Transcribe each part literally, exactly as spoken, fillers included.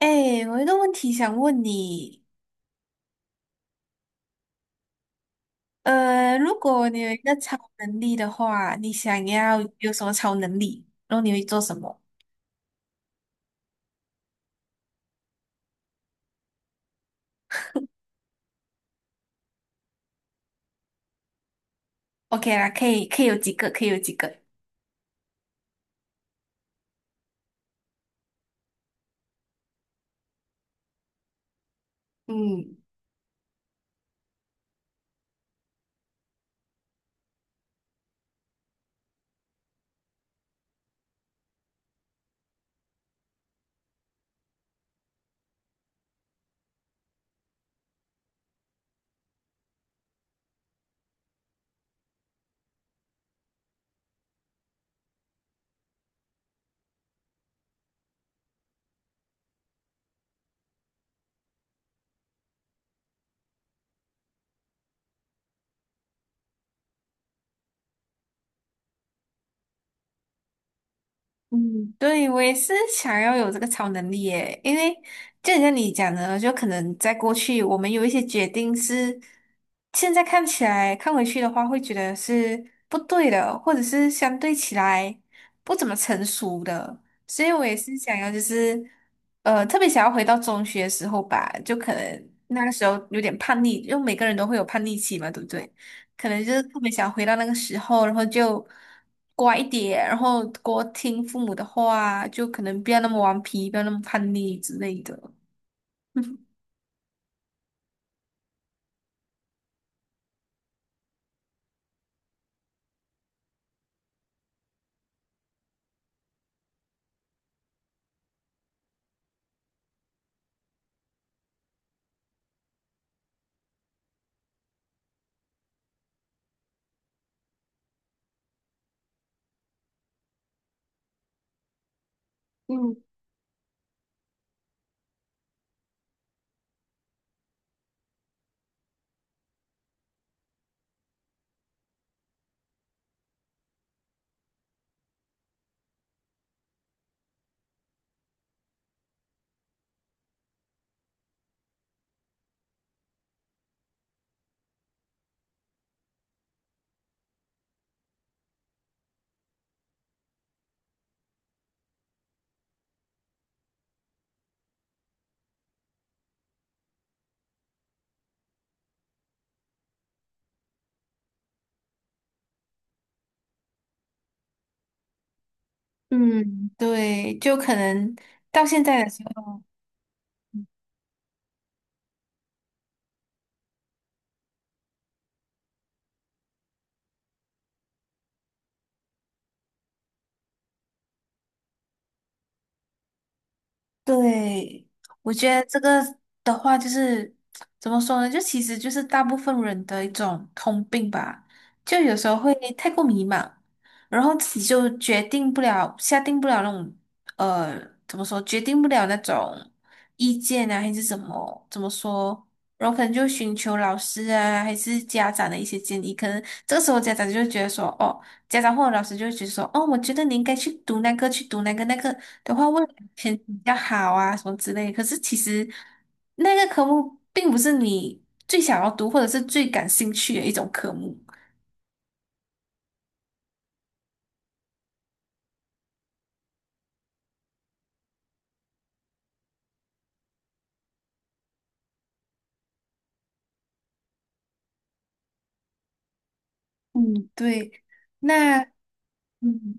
哎，我有一个问题想问你，呃，如果你有一个超能力的话，你想要有什么超能力？然后你会做什么？OK 啦，可以，可以有几个，可以有几个。嗯嗯，对，我也是想要有这个超能力耶，因为就像你讲的，就可能在过去，我们有一些决定是现在看起来看回去的话，会觉得是不对的，或者是相对起来不怎么成熟的，所以我也是想要，就是呃，特别想要回到中学的时候吧，就可能那个时候有点叛逆，因为每个人都会有叛逆期嘛，对不对？可能就是特别想回到那个时候，然后就乖一点，然后多听父母的话，就可能不要那么顽皮，不要那么叛逆之类的。嗯嗯，对，就可能到现在的时候。对，我觉得这个的话就是怎么说呢？就其实就是大部分人的一种通病吧，就有时候会太过迷茫，然后自己就决定不了、下定不了那种呃怎么说，决定不了那种意见啊，还是怎么怎么说？然后可能就寻求老师啊，还是家长的一些建议。可能这个时候家长就会觉得说，哦，家长或者老师就会觉得说，哦，我觉得你应该去读那个，去读那个那个。的话，未来前景比较好啊，什么之类。可是其实那个科目并不是你最想要读或者是最感兴趣的一种科目。嗯，对。那嗯，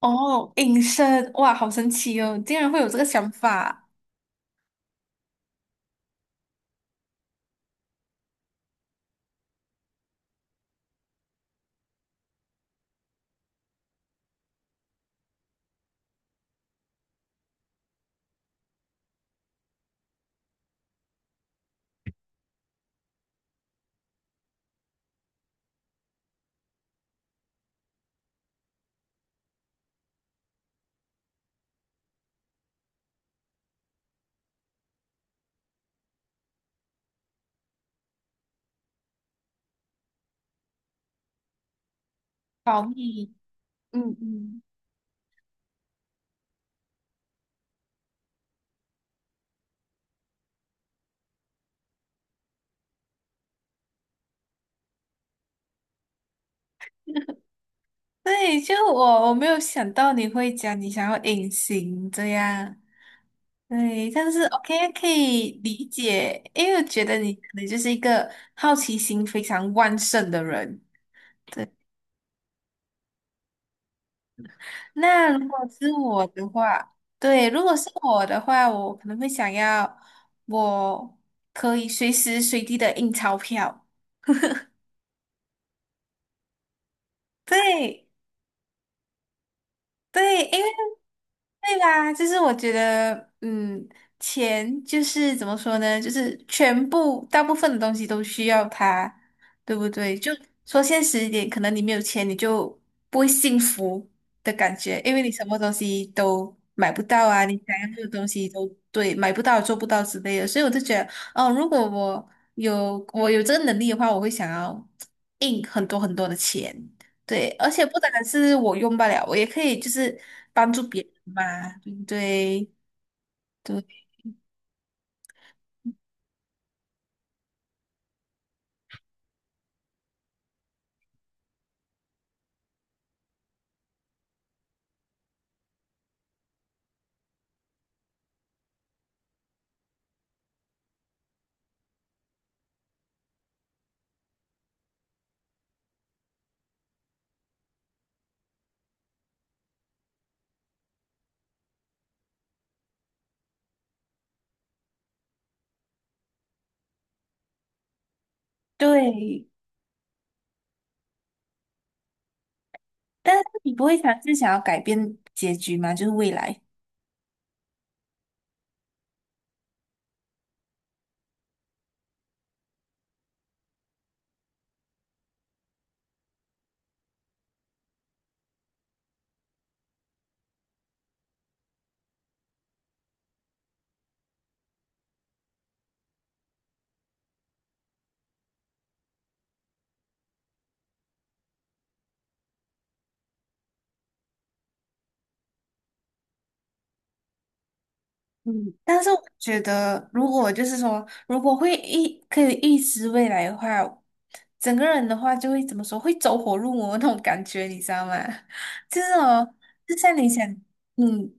哦，隐身，哇，好神奇哦，竟然会有这个想法。保密，嗯嗯。对，就我我没有想到你会讲你想要隐形这样，对，但是 OK 可以理解，因为我觉得你可能就是一个好奇心非常旺盛的人。对，那如果是我的话，对，如果是我的话，我可能会想要我可以随时随地的印钞票。对，对，因为对吧？就是我觉得，嗯，钱就是怎么说呢？就是全部大部分的东西都需要它，对不对？就说现实一点，可能你没有钱，你就不会幸福的感觉，因为你什么东西都买不到啊，你想要的东西都对买不到、做不到之类的。所以我就觉得，哦，如果我有我有这个能力的话，我会想要印很多很多的钱。对，而且不单是我用不了，我也可以就是帮助别人嘛，对不对？对对，但是你不会尝试想要改变结局吗？就是未来。嗯，但是我觉得，如果就是说，如果会预可以预知未来的话，整个人的话就会怎么说，会走火入魔那种感觉，你知道吗？就是哦，就像你想，嗯，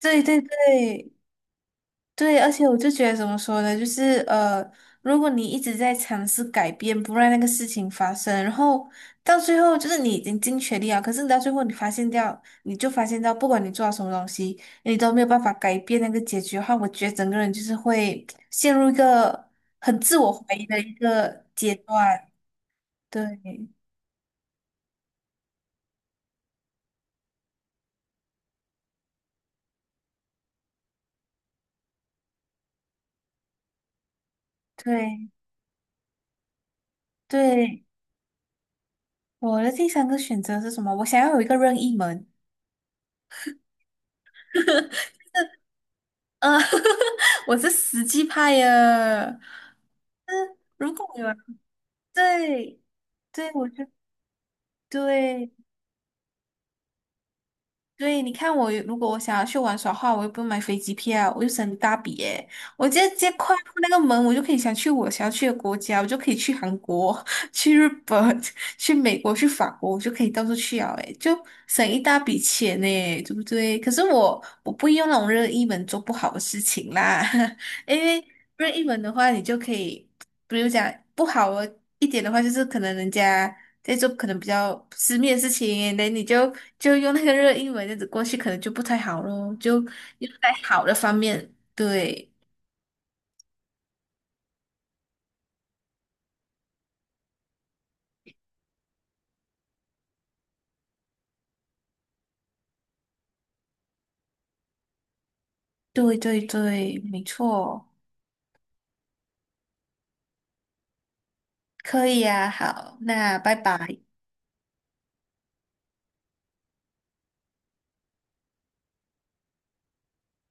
对对对，对，而且我就觉得怎么说呢，就是呃，如果你一直在尝试改变，不让那个事情发生，然后到最后就是你已经尽全力啊，可是你到最后你发现掉，你就发现到，不管你做了什么东西，你都没有办法改变那个结局的话，我觉得整个人就是会陷入一个很自我怀疑的一个阶段。对对对，我的第三个选择是什么？我想要有一个任意门。嗯，我是实际派呀。如果有对对，我就对对，你看我如果我想要去玩耍的话，我又不用买飞机票，我又省一大笔耶。我直接直接跨过那个门，我就可以想去我想要去的国家，我就可以去韩国、去日本、去美国、去法国，我就可以到处去啊，哎，就省一大笔钱呢，对不对？可是我我不用那种任意门做不好的事情啦，因为任意门的话，你就可以，比如讲不好的一点的话，就是可能人家。在做可能比较私密的事情，那你就就用那个热英文这样子过去，可能就不太好咯，就用在好的方面。对，对对对，没错，可以呀。好，那拜拜。